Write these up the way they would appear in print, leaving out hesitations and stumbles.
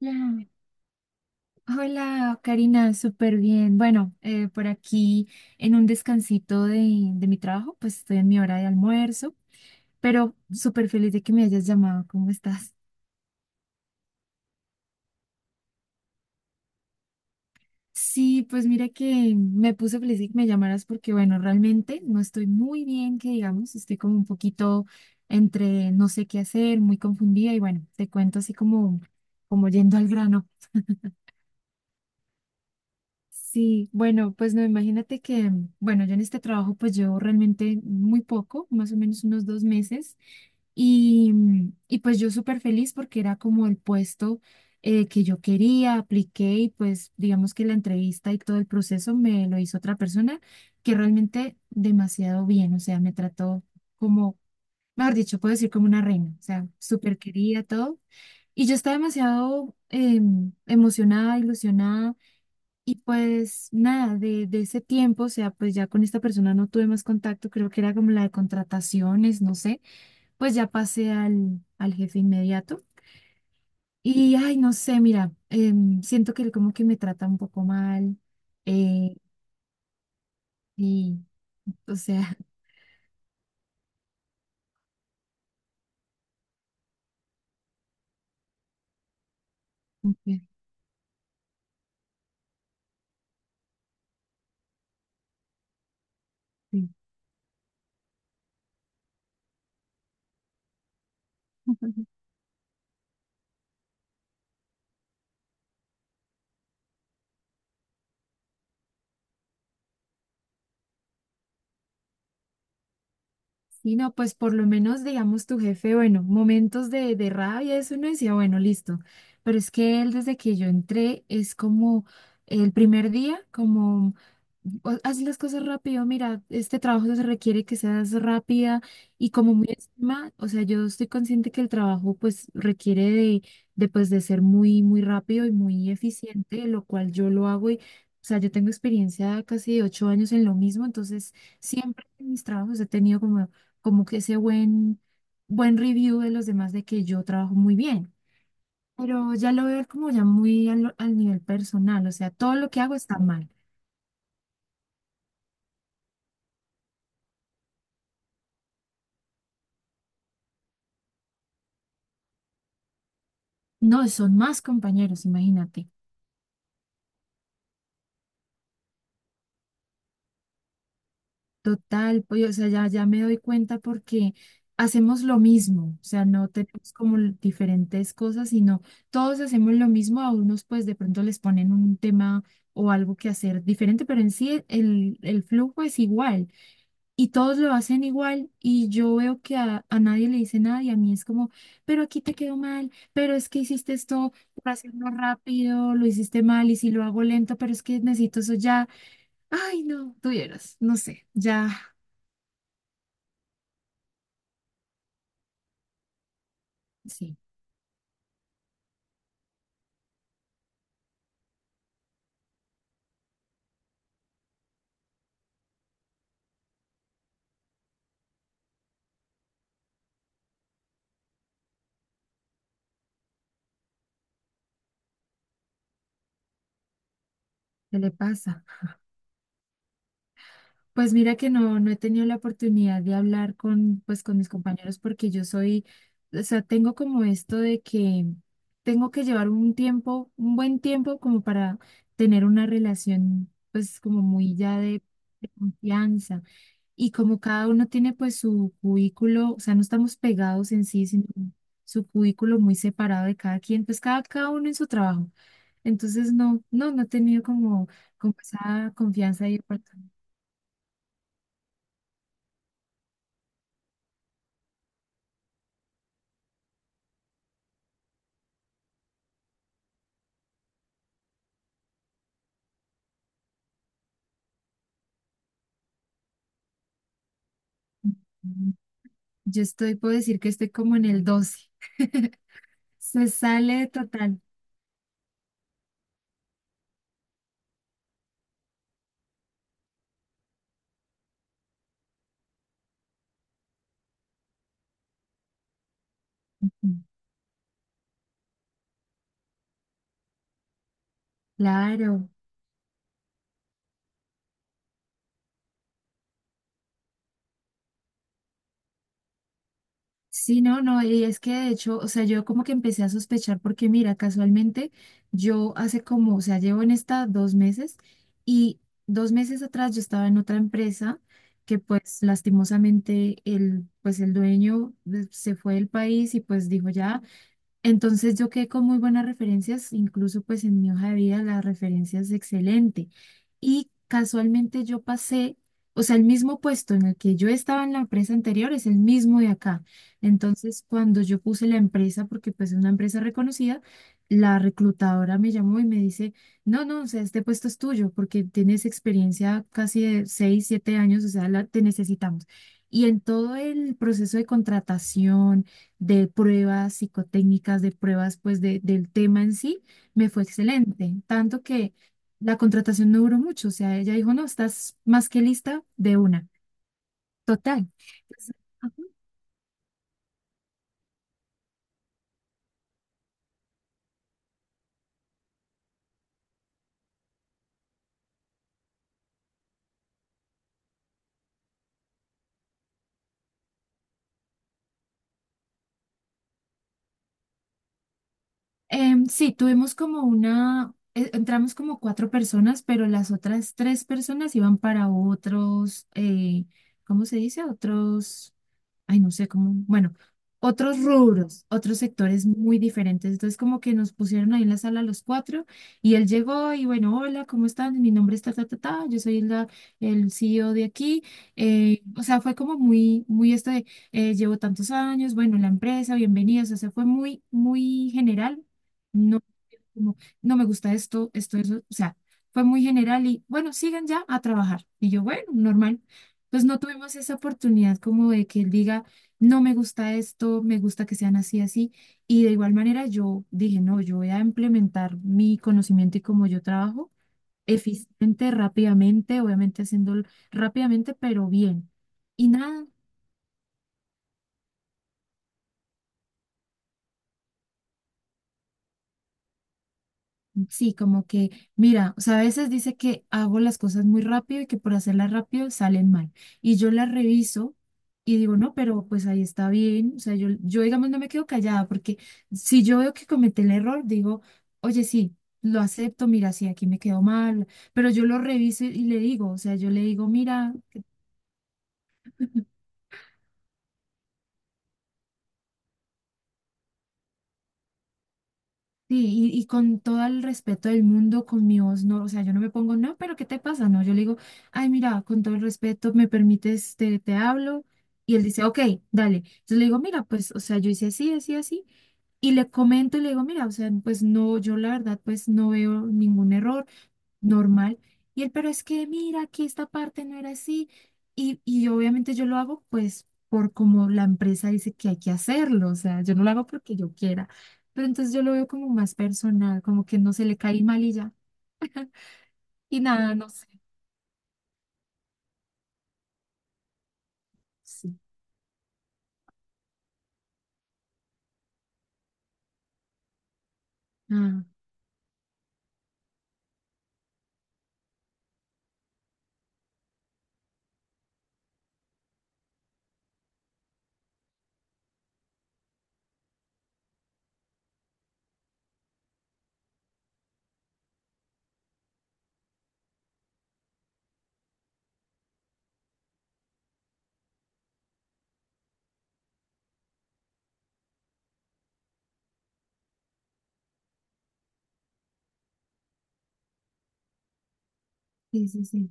Hola, Hola, Karina, súper bien. Bueno, por aquí en un descansito de mi trabajo, pues estoy en mi hora de almuerzo, pero súper feliz de que me hayas llamado. ¿Cómo estás? Sí, pues mira que me puse feliz de que me llamaras porque, bueno, realmente no estoy muy bien, que digamos, estoy como un poquito entre no sé qué hacer, muy confundida y bueno, te cuento así como yendo al grano. Sí, bueno, pues no, imagínate que, bueno, yo en este trabajo pues llevo realmente muy poco, más o menos unos dos meses, y pues yo súper feliz porque era como el puesto que yo quería, apliqué y pues digamos que la entrevista y todo el proceso me lo hizo otra persona que realmente demasiado bien, o sea, me trató como, mejor dicho, puedo decir como una reina, o sea, súper querida, todo. Y yo estaba demasiado emocionada, ilusionada y pues nada, de ese tiempo, o sea, pues ya con esta persona no tuve más contacto, creo que era como la de contrataciones, no sé, pues ya pasé al jefe inmediato. Y ay, no sé, mira, siento que él como que me trata un poco mal, eh, y o sea, como que sí. Y no, pues por lo menos, digamos, tu jefe, bueno, momentos de rabia, eso uno decía, bueno, listo. Pero es que él, desde que yo entré, es como el primer día, como, haz las cosas rápido, mira, este trabajo se requiere que seas rápida y como muy encima, o sea, yo estoy consciente que el trabajo, pues, requiere de, pues, de ser muy, muy rápido y muy eficiente, lo cual yo lo hago y, o sea, yo tengo experiencia casi de ocho años en lo mismo, entonces siempre en mis trabajos he tenido como que ese buen review de los demás de que yo trabajo muy bien. Pero ya lo veo como ya muy al nivel personal, o sea, todo lo que hago está mal. No, son más compañeros, imagínate. Total, pues, o sea, ya me doy cuenta porque hacemos lo mismo, o sea, no tenemos como diferentes cosas, sino todos hacemos lo mismo, a unos pues de pronto les ponen un tema o algo que hacer diferente, pero en sí el flujo es igual y todos lo hacen igual y yo veo que a nadie le dice nada y a mí es como, pero aquí te quedó mal, pero es que hiciste esto para hacerlo rápido, lo hiciste mal y si lo hago lento, pero es que necesito eso ya. Ay, no, tuvieras, no sé, ya. Sí, ¿qué le pasa? Pues mira que no he tenido la oportunidad de hablar con, pues, con mis compañeros porque yo soy, o sea, tengo como esto de que tengo que llevar un tiempo, un buen tiempo como para tener una relación, pues como muy ya de confianza. Y como cada uno tiene pues su cubículo, o sea, no estamos pegados en sí, sino su cubículo muy separado de cada quien, pues cada uno en su trabajo. Entonces no he tenido como esa confianza y oportunidad. Ujú. Yo estoy, puedo decir que estoy como en el doce. Se sale total. Claro. Sí, no, no, y es que de hecho, o sea, yo como que empecé a sospechar porque mira, casualmente yo hace como, o sea, llevo en esta dos meses y dos meses atrás yo estaba en otra empresa que pues lastimosamente el dueño se fue del país y pues dijo ya. Entonces yo quedé con muy buenas referencias, incluso pues en mi hoja de vida la referencia es excelente. Y casualmente yo pasé, o sea, el mismo puesto en el que yo estaba en la empresa anterior es el mismo de acá. Entonces cuando yo puse la empresa, porque pues es una empresa reconocida, la reclutadora me llamó y me dice, no, no, o sea, este puesto es tuyo porque tienes experiencia casi de 6, 7 años, o sea, la, te necesitamos. Y en todo el proceso de contratación de pruebas psicotécnicas, de pruebas pues del tema en sí, me fue excelente, tanto que la contratación no duró mucho, o sea, ella dijo, no, estás más que lista de una, total. Sí, tuvimos como una, entramos como cuatro personas, pero las otras tres personas iban para otros, ¿cómo se dice? Otros, ay, no sé cómo, bueno, otros rubros, otros sectores muy diferentes. Entonces, como que nos pusieron ahí en la sala los cuatro y él llegó y bueno, hola, ¿cómo están? Mi nombre es ta, ta, ta, ta, yo soy la, el CEO de aquí. O sea, fue como muy, muy esto de llevo tantos años, bueno, la empresa, bienvenidos, o sea, fue muy, muy general, no, como, no me gusta esto, esto, eso, o sea, fue muy general y bueno, sigan ya a trabajar. Y yo, bueno, normal. Pues no tuvimos esa oportunidad como de que él diga, no me gusta esto, me gusta que sean así, así. Y de igual manera yo dije, no, yo voy a implementar mi conocimiento y cómo yo trabajo eficiente, rápidamente, obviamente haciéndolo rápidamente, pero bien. Y nada, sí, como que, mira, o sea, a veces dice que hago las cosas muy rápido y que por hacerlas rápido salen mal. Y yo las reviso y digo, no, pero pues ahí está bien. O sea, yo digamos, no me quedo callada porque si yo veo que cometí el error, digo, oye, sí, lo acepto, mira, sí, aquí me quedó mal. Pero yo lo reviso y le digo, o sea, yo le digo, mira. Sí, y con todo el respeto del mundo, con mi voz, no, o sea, yo no me pongo, no, pero ¿qué te pasa? No, yo le digo, ay, mira, con todo el respeto, me permites, te hablo. Y él dice, ok, dale. Entonces le digo, mira, pues, o sea, yo hice así, así, así. Y le comento y le digo, mira, o sea, pues no, yo la verdad, pues no veo ningún error normal. Y él, pero es que mira, aquí esta parte no era así. Y obviamente yo lo hago pues por como la empresa dice que hay que hacerlo, o sea, yo no lo hago porque yo quiera. Pero entonces yo lo veo como más personal, como que no se le cae mal y ya. Y nada, no sé. Sí. Ah, sí, sí, sí.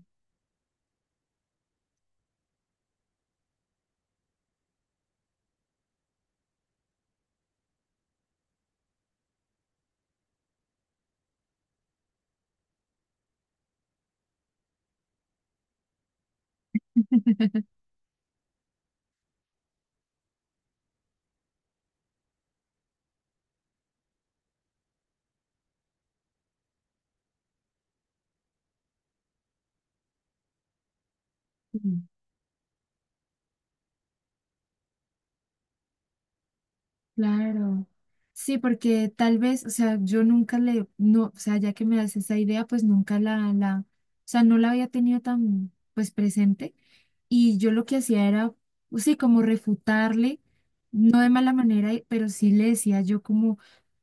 Claro. Sí, porque tal vez, o sea, yo nunca le, no, o sea, ya que me das esa idea, pues nunca la, o sea, no la había tenido tan, pues, presente. Y yo lo que hacía era, pues, sí, como refutarle, no de mala manera, y- pero sí le decía yo como,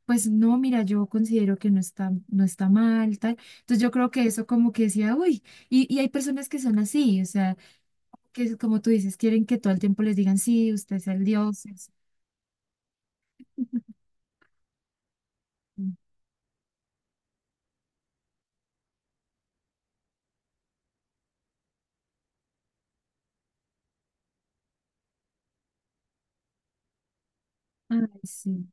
pues, no, mira, yo considero que no está, no está mal, tal. Entonces yo creo que eso como que decía, uy, y hay personas que son así, o sea, que como tú dices, quieren que todo el tiempo les digan, sí, usted es el dios. Es. Ay, sí.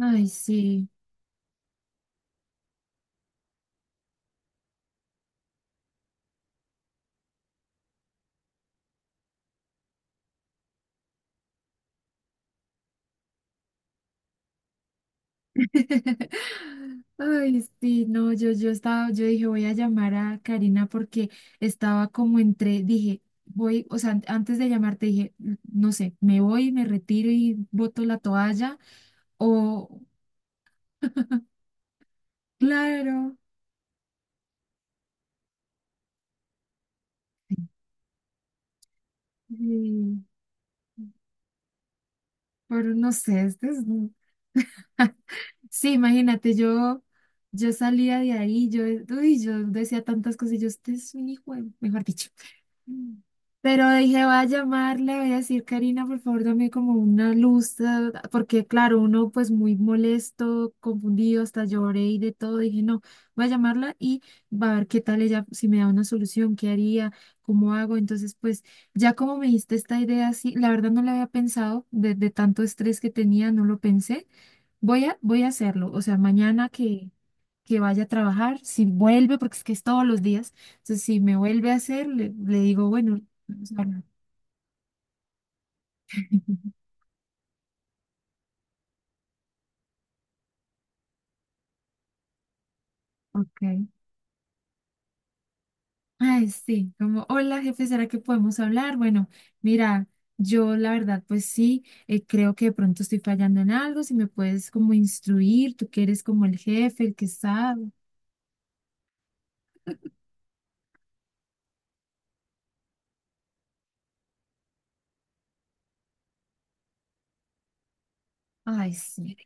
Ay, sí. Ay, sí, no, yo estaba, yo dije, voy a llamar a Karina porque estaba como entre, dije, voy, o sea, antes de llamarte dije, no sé, me voy, me retiro y boto la toalla, o, claro, sí, pero no sé, este es, sí, imagínate, yo, salía de ahí, yo, uy, yo decía tantas cosas, y yo, este es un hijo, mejor dicho. Mm. Pero dije, voy a llamarle, voy a decir, Karina, por favor, dame como una luz, porque claro, uno pues muy molesto, confundido, hasta lloré y de todo. Dije, no, voy a llamarla y va a ver qué tal ella, si me da una solución, qué haría, cómo hago. Entonces, pues ya como me diste esta idea, sí, la verdad no la había pensado, de tanto estrés que tenía, no lo pensé. Voy a hacerlo, o sea, mañana que vaya a trabajar, si vuelve, porque es que es todos los días, entonces si me vuelve a hacer, le digo, bueno, vamos a hablar. Ok. Ay, sí, como, hola jefe, ¿será que podemos hablar? Bueno, mira, yo la verdad, pues sí, creo que de pronto estoy fallando en algo, si me puedes como instruir, tú que eres como el jefe, el que sabe. Ay, sí.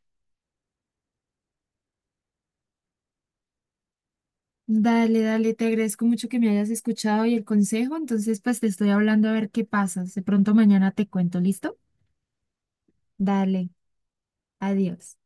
Dale, dale, te agradezco mucho que me hayas escuchado y el consejo, entonces pues te estoy hablando a ver qué pasa, de pronto mañana te cuento, ¿listo? Dale, adiós.